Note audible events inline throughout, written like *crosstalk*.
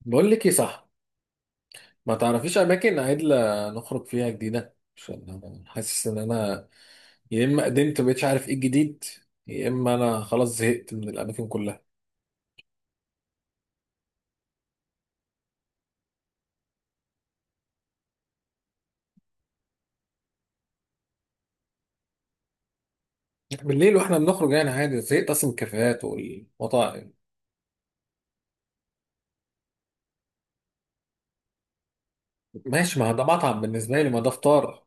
بقول لك ايه، صح؟ ما تعرفيش اماكن عدلة نخرج فيها جديده؟ عشان انا حاسس ان انا يا اما قدمت مبقتش عارف ايه الجديد، يا اما انا خلاص زهقت من الاماكن كلها. بالليل واحنا بنخرج يعني عادي، زهقت اصلا من الكافيهات والمطاعم. ماشي، ما ده مطعم بالنسبه لي، ما ده فطار.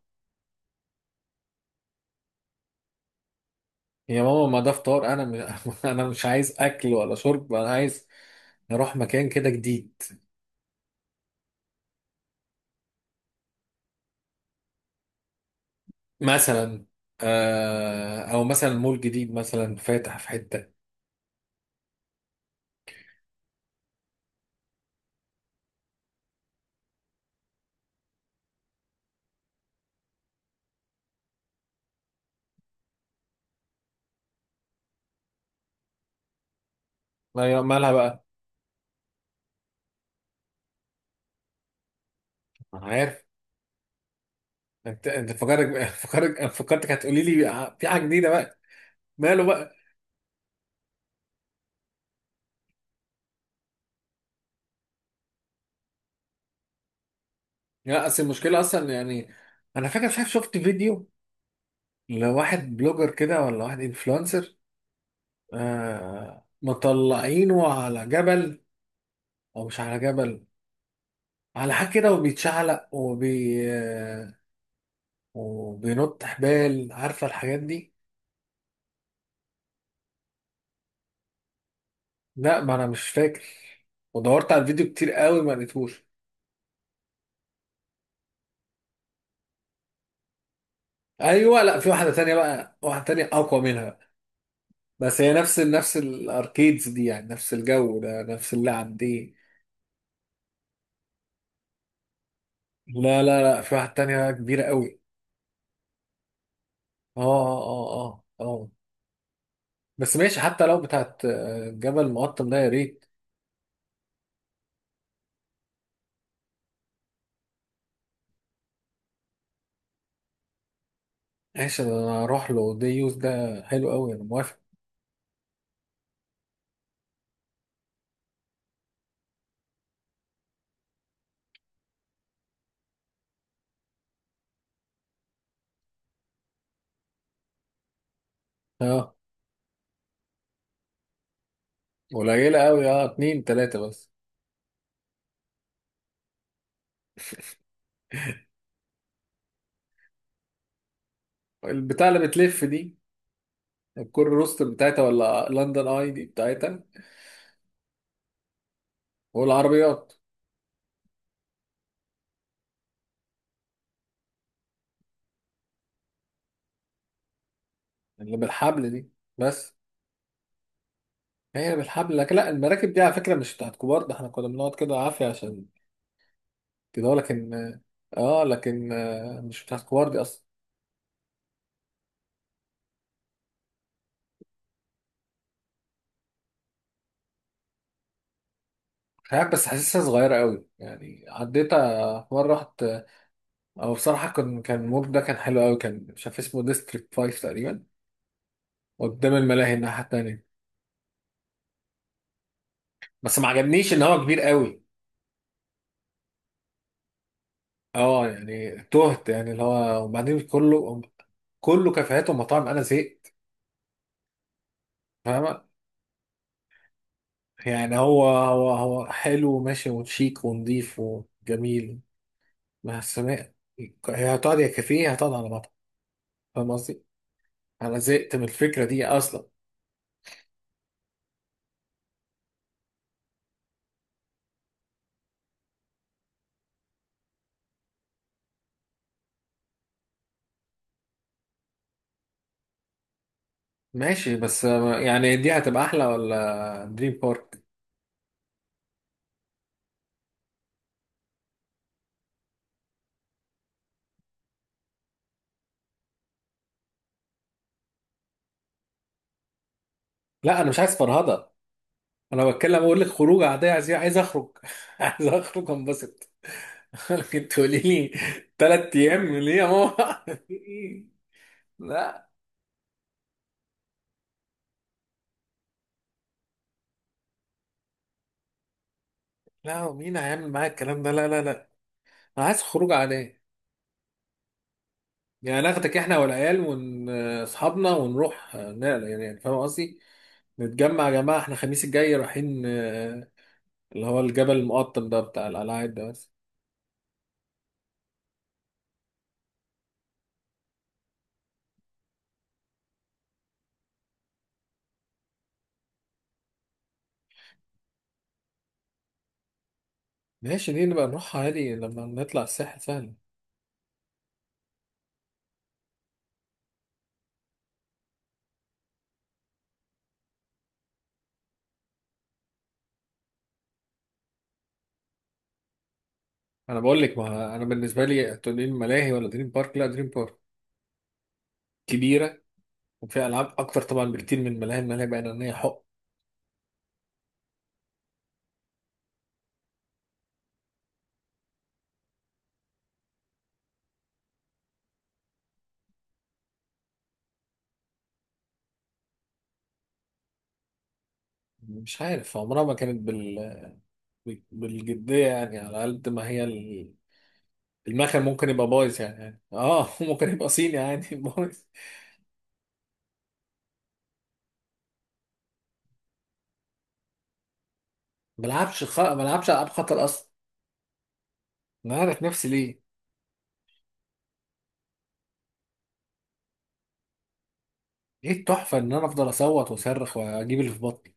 يا ماما ما ده فطار، انا مش *laughs* انا مش عايز اكل ولا شرب، انا عايز نروح مكان كده جديد. مثلا. آه، او مثلا مول جديد مثلا فاتح في حته. مالها بقى؟ انا عارف. انت فكرك *laughs* فكرتك هتقولي لي في حاجه جديده بقى. ماله بقى؟ لا، اصل المشكله اصلا يعني، انا فاكر، مش عارف، شفت فيديو لواحد بلوجر كده ولا واحد انفلونسر. آه، مطلعينه على جبل، او مش على جبل، على حاجه كده، وبيتشعلق وبينط حبال، عارفه الحاجات دي. لا، ما انا مش فاكر. ودورت على الفيديو كتير قوي ما لقيتهوش. ايوه، لا، في واحده تانية بقى، واحده تانية اقوى منها. بس هي نفس الاركيدز دي، يعني نفس الجو ده نفس اللعب دي. لا لا لا، في واحد تانية بقى كبيرة قوي. اه اه اه اه اه. بس ماشي، حتى لو بتاعت جبل مقطم ده يا ريت. ماشي، انا اروح له، دي يوز ده حلو قوي، انا موافق. اه، قليلة قوي، اه، اتنين تلاتة بس. البتاع اللي بتلف دي. الكور روستر بتاعتها ولا لندن اي دي بتاعتها. والعربيات. اللي بالحبل دي؟ بس هي بالحبل، لكن لا، المراكب دي على فكرة مش بتاعت كبار، ده احنا كنا بنقعد كده عافية عشان كده هو، لكن. اه لكن مش بتاع الكبار دي اصلا. مش عارف، بس حاسسها صغيره قوي يعني، عديتها في مره، رحت. او بصراحه كان المول ده كان حلو قوي، كان مش عارف اسمه ديستريكت 5 تقريبا. قدام الملاهي الناحيه التانيه. بس ما عجبنيش ان هو كبير قوي. اه يعني تهت يعني، اللي هو، وبعدين كله كله كافيهات ومطاعم، انا زهقت. فاهمه. يعني هو حلو وماشي وشيك ونضيف وجميل. بس ما- هي هتقعد يا كافيه هتقعد على مطعم. فاهم قصدي؟ انا زهقت من الفكره دي اصلا. ماشي، بس يعني دي هتبقى احلى ولا دريم بارك؟ لا انا مش عايز فرهضه. انا بتكلم اقول لك خروج عاديه، عايز اخرج *laughs* عايز اخرج انبسط. *laughs* لكن تقولي لي ثلاث ايام ليه يا ماما؟ *laughs* لا. لا مين هيعمل معايا الكلام ده، لا لا لا. انا عايز خروج عاديه. يعني ناخدك احنا والعيال واصحابنا ونروح نقل يعني فاهم قصدي؟ نتجمع يا جماعه احنا الخميس الجاي رايحين اللي هو الجبل المقطم ده بتاع القلاعات ده بس. ماشي، دي نبقى نروحها عادي لما نطلع الساحل سهل. انا بقول لك، ما انا بالنسبه لي تقولي لي ملاهي ولا دريم بارك، لا دريم بارك كبيره وفيها العاب اكتر طبعا بكتير من الملاهي. الملاهي بقى ان هي حق، مش عارف عمرها ما كانت بالجديه، يعني على قد ما هي المكان ممكن يبقى بايظ يعني، يعني اه *laughs* ممكن يبقى صيني يعني *laughs* بايظ. ملعبش العاب خطر اصلا. انا عارف نفسي ليه. ايه التحفه ان انا افضل اصوت واصرخ واجيب اللي في بطني؟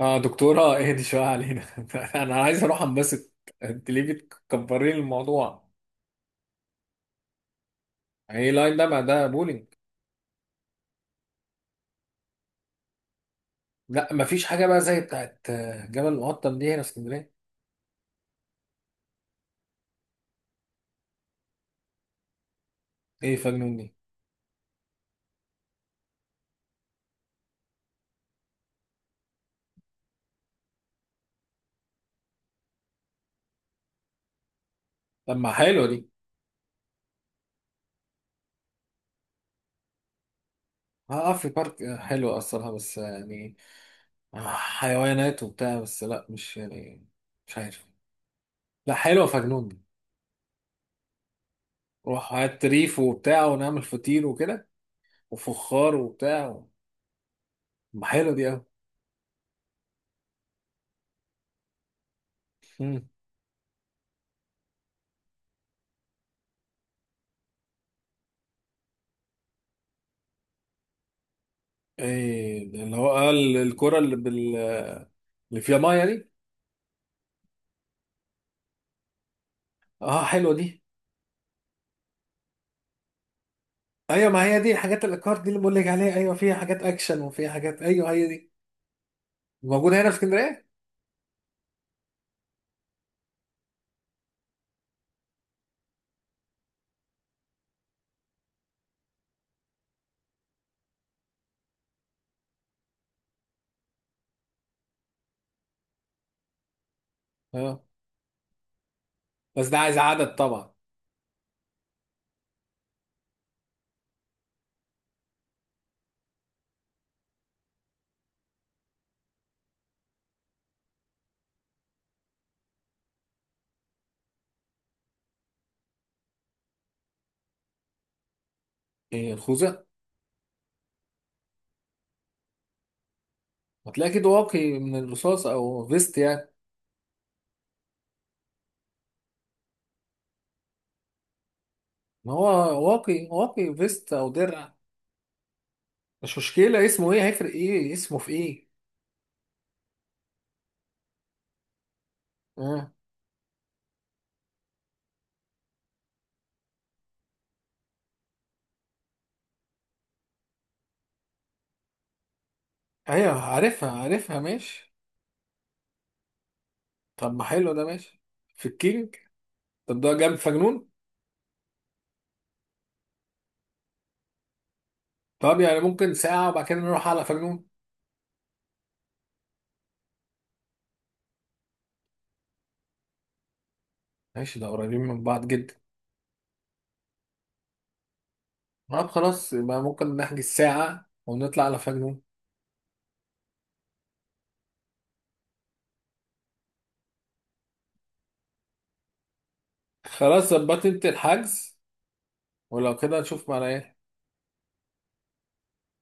اه دكتورة، اهدي شوية علينا. *laughs* انا عايز اروح انبسط. انت ليه بتكبرين الموضوع؟ يعني ايه لاين ده؟ ما ده بولينج. لا مفيش حاجة بقى زي بتاعت جبل المقطم دي هنا في اسكندرية. ايه فجنون دي؟ طب ما حلوة دي. اه، في بارك حلوة اصلها، بس يعني حيوانات وبتاع، بس لا مش يعني، مش عارف. لا حلوة فجنون دي. روح هات ريف وبتاع ونعمل فطير وكده وفخار وبتاع. ما حلوة دي اوي. ايه اللي هو، قال الكرة اللي بال، اللي فيها ميه دي؟ اه حلوه دي. ايوه، ما هي دي حاجات الاكار دي اللي بقول لك عليها، ايوه فيها حاجات اكشن وفيها حاجات، ايوه هي دي. موجوده هنا في اسكندريه؟ اه، بس ده عايز عدد طبعا. ايه الخوذه؟ هتلاقي اكيد واقي من الرصاص او فيست يعني. ما هو واقي فيست او درع. مش مشكله اسمه ايه، هيفرق ايه اسمه في ايه. اه. ايوه عارفها عارفها، ماشي. طب ما حلو ده، ماشي. في الكينج. طب ده جنب فجنون؟ طب يعني ممكن ساعة وبعد كده نروح على فجنون. ماشي، ده قريبين من بعض جدا. طب خلاص، يبقى ممكن نحجز ساعة ونطلع على فجنون. خلاص ظبطت انت الحجز، ولو كده نشوف معانا ايه.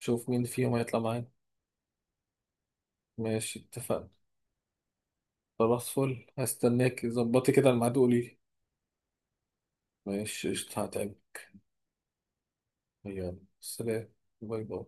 نشوف مين فيهم هيطلع معانا. ماشي، اتفقنا. خلاص فل، هستناك ظبطي كده الميعاد وقولي لي. ماشي، قشطة، هتقابل. يلا سلام. باي باي.